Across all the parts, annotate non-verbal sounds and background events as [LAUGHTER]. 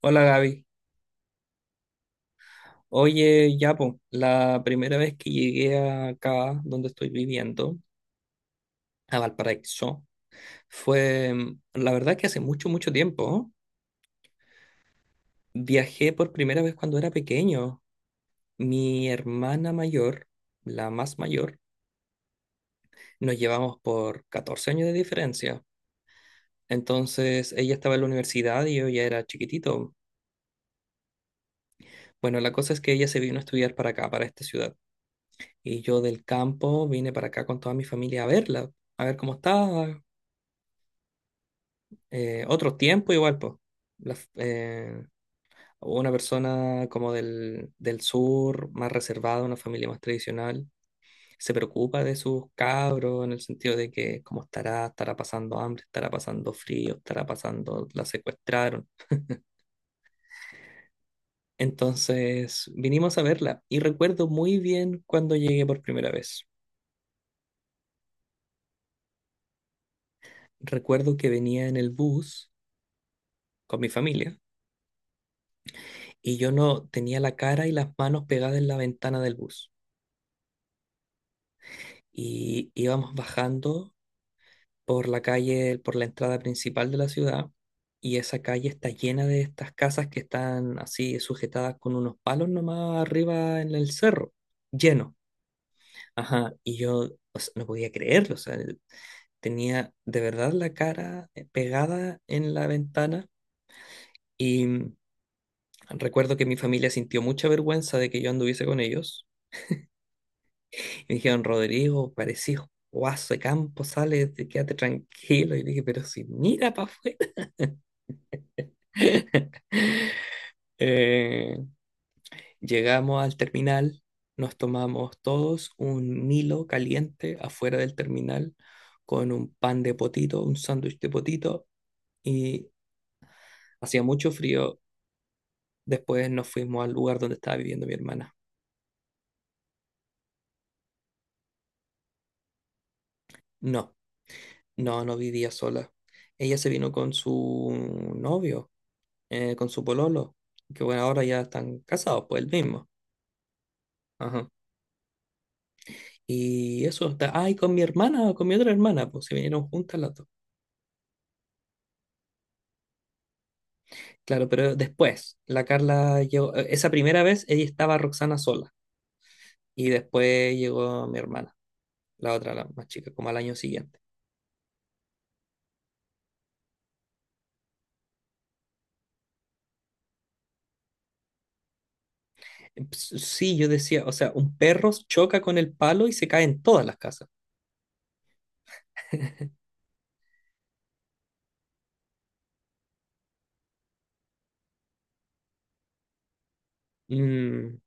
Hola Gaby. Oye, ya po, la primera vez que llegué acá donde estoy viviendo, a Valparaíso, fue, la verdad que hace mucho, mucho tiempo, ¿eh? Viajé por primera vez cuando era pequeño. Mi hermana mayor, la más mayor, nos llevamos por 14 años de diferencia. Entonces, ella estaba en la universidad y yo ya era chiquitito. Bueno, la cosa es que ella se vino a estudiar para acá, para esta ciudad. Y yo del campo vine para acá con toda mi familia a verla, a ver cómo estaba, otros tiempos igual, pues. Las- eh, una persona como del sur, más reservada, una familia más tradicional, se preocupa de sus cabros en el sentido de que cómo estará, estará pasando hambre, estará pasando frío, estará pasando, la secuestraron. Entonces vinimos a verla y recuerdo muy bien cuando llegué por primera vez. Recuerdo que venía en el bus con mi familia y yo no tenía la cara y las manos pegadas en la ventana del bus. Y íbamos bajando por la calle, por la entrada principal de la ciudad, y esa calle está llena de estas casas que están así sujetadas con unos palos nomás arriba en el cerro, lleno. Ajá, y yo, o sea, no podía creerlo, o sea, tenía de verdad la cara pegada en la ventana y recuerdo que mi familia sintió mucha vergüenza de que yo anduviese con ellos. Y me dijeron, Rodrigo, parecís guaso de campo, sale, quédate tranquilo. Y dije, pero si mira para afuera. [LAUGHS] Eh, Llegamos al terminal, nos tomamos todos un Milo caliente afuera del terminal con un pan de potito, un sándwich de potito, y hacía mucho frío. Después nos fuimos al lugar donde estaba viviendo mi hermana. No, no, no vivía sola. Ella se vino con su novio, con su pololo, que bueno, ahora ya están casados, pues el mismo. Ajá. Y eso está, ay, con mi hermana, con mi otra hermana, pues se vinieron juntas las dos. Claro, pero después, la Carla llegó, esa primera vez ella estaba Roxana sola y después llegó mi hermana, la otra, la más chica, como al año siguiente. Sí, yo decía, o sea, un perro choca con el palo y se cae en todas las casas. [LAUGHS] Mm,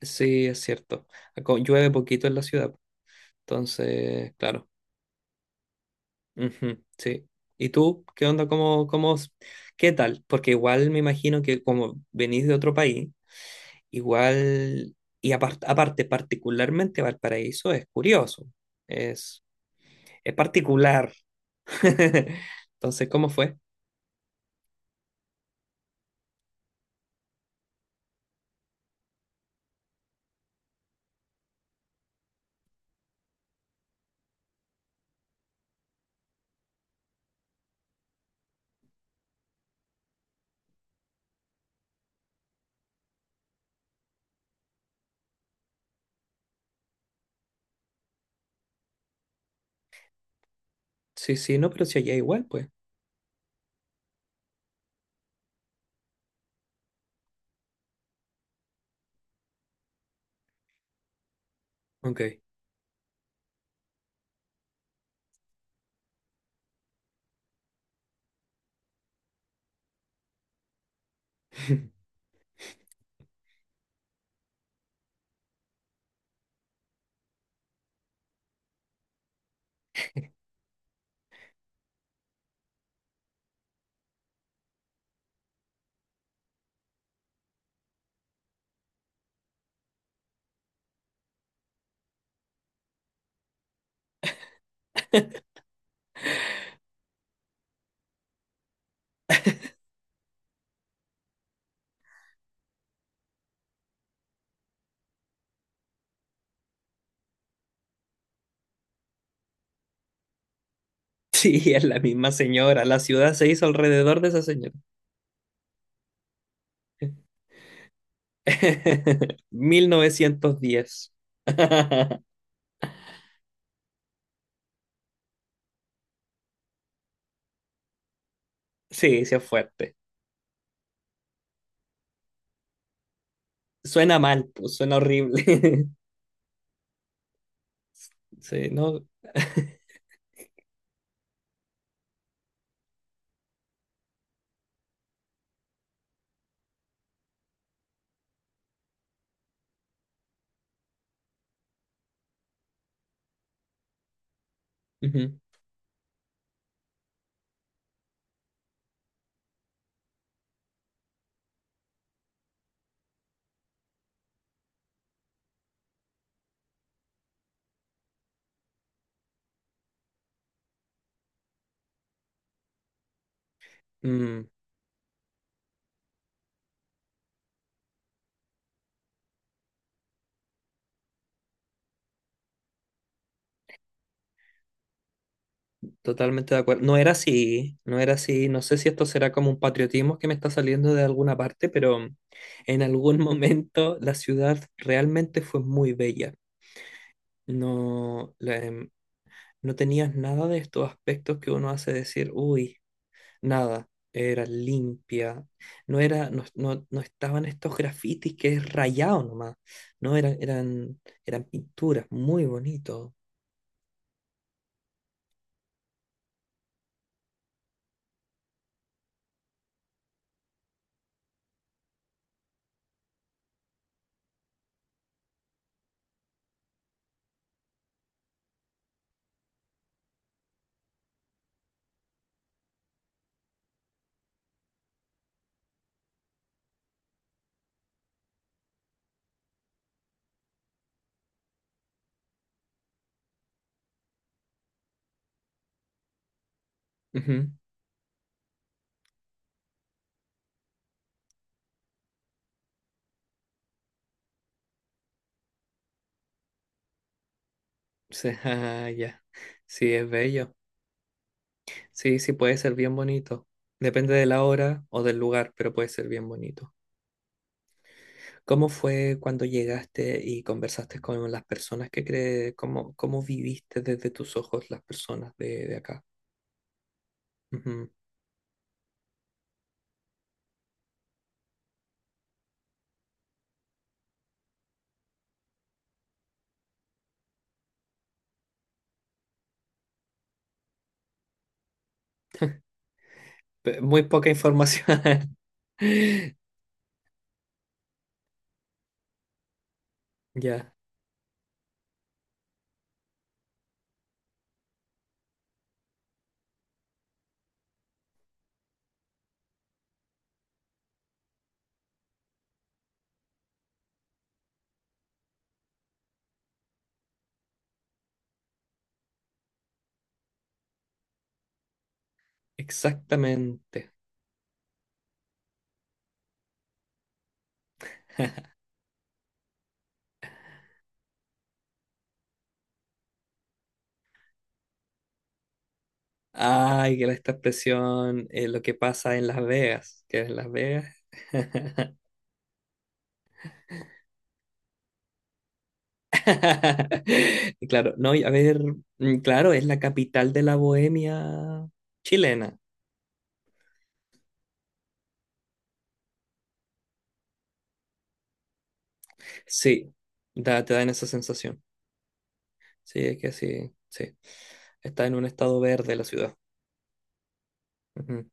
sí, es cierto. Llueve poquito en la ciudad, entonces, claro. Ujú, sí. ¿Y tú qué onda? ¿Qué tal? Porque igual me imagino que como venís de otro país, igual, y aparte, particularmente Valparaíso es curioso, es, es particular. [LAUGHS] Entonces, ¿cómo fue? Sí, sí, no, pero si allá igual, pues. Ok. [LAUGHS] Sí, es la misma señora, la ciudad se hizo alrededor de esa señora. [LAUGHS] 1910. [LAUGHS] Sí, sí es fuerte. Suena mal, pues suena horrible. [LAUGHS] Sí, no. [LAUGHS] Ujú. Mm, totalmente de acuerdo. No era así, no era así. No sé si esto será como un patriotismo que me está saliendo de alguna parte, pero en algún [LAUGHS] momento la ciudad realmente fue muy bella. No, la- em, no tenías nada de estos aspectos que uno hace decir, uy. Nada, era limpia. No era, no, no, no estaban estos grafitis que es rayado nomás. No eran, eran pinturas, muy bonito. Ujú. Sí, [LAUGHS] ah, ya. Sí, es bello. Sí, sí, puede ser bien bonito. Depende de la hora o del lugar, pero puede ser bien bonito. ¿Cómo fue cuando llegaste y conversaste con las personas que crees? ¿Cómo, cómo viviste desde tus ojos las personas de acá? Ujú. Muy poca información. [LAUGHS] Ya. Exactamente. Ay, esta expresión, lo que pasa en Las Vegas, que es Las Vegas. [LAUGHS] Y claro, no, y a ver, mm, claro, es la capital de la bohemia chilena. Sí, te dan esa sensación. Sí, es que sí, sí. Está en un estado verde la ciudad. Ujú,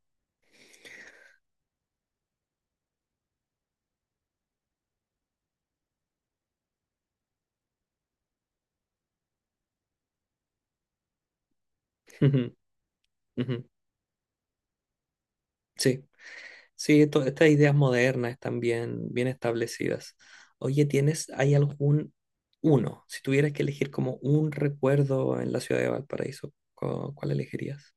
ujú, ujú. Sí. Sí, estas ideas modernas están bien, bien establecidas. Oye, ¿tienes, hay algún uno? Si tuvieras que elegir como un recuerdo en la ciudad de Valparaíso, ¿cuál elegirías?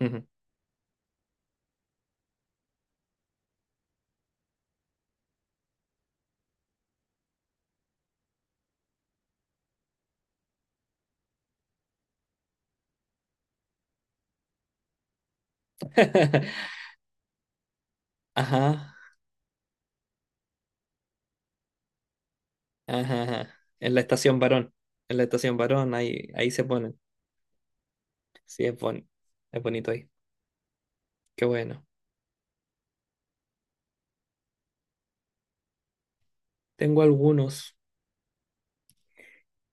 Ujú. [LAUGHS] Ajá, ajá, ajá. En la estación Barón. En la estación Barón, ahí, ahí se ponen. Sí, es bonito ahí. Qué bueno. Tengo algunos.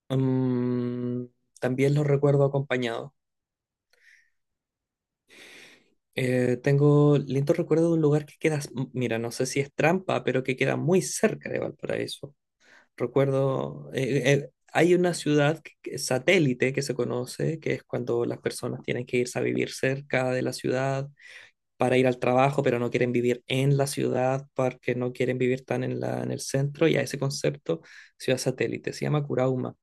Mm, también los recuerdo acompañados. Tengo lindo recuerdo de un lugar que queda, mira, no sé si es trampa, pero que queda muy cerca de Valparaíso. Recuerdo, hay una ciudad satélite que se conoce, que es cuando las personas tienen que irse a vivir cerca de la ciudad para ir al trabajo, pero no quieren vivir en la ciudad porque no quieren vivir tan en la, en el centro, y a ese concepto, ciudad satélite, se llama Curauma.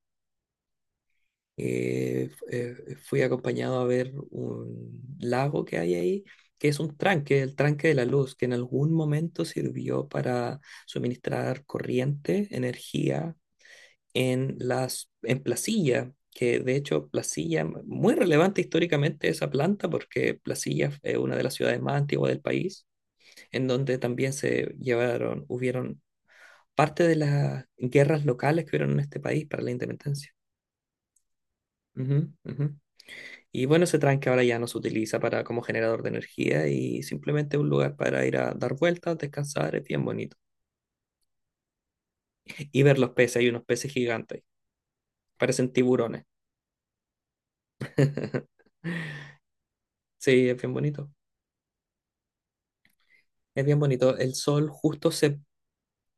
Fui acompañado a ver un lago que hay ahí, que es un tranque, el tranque de la luz, que en algún momento sirvió para suministrar corriente, energía en las, en Placilla, que de hecho Placilla, muy relevante históricamente esa planta, porque Placilla es una de las ciudades más antiguas del país, en donde también se llevaron, hubieron parte de las guerras locales que hubieron en este país para la independencia. Ujú, ujú. Y bueno, ese tranque ahora ya no se utiliza para como generador de energía y simplemente un lugar para ir a dar vueltas, descansar, es bien bonito. Y ver los peces, hay unos peces gigantes, parecen tiburones. [LAUGHS] Sí, es bien bonito. Es bien bonito. El sol justo se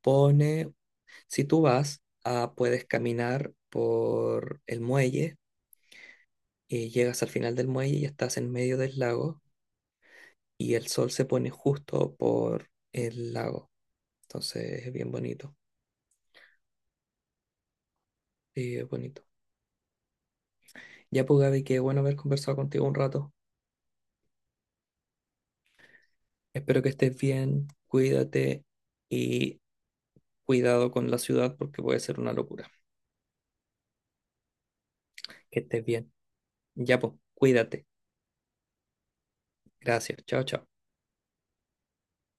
pone, si tú vas, ah, puedes caminar por el muelle y llegas al final del muelle y estás en medio del lago y el sol se pone justo por el lago. Entonces es bien bonito. Sí, es bonito. Ya pues Gaby, qué bueno haber conversado contigo un rato. Espero que estés bien, cuídate y cuidado con la ciudad porque puede ser una locura. Que estés bien. Ya pues, cuídate. Gracias. Chao, chao.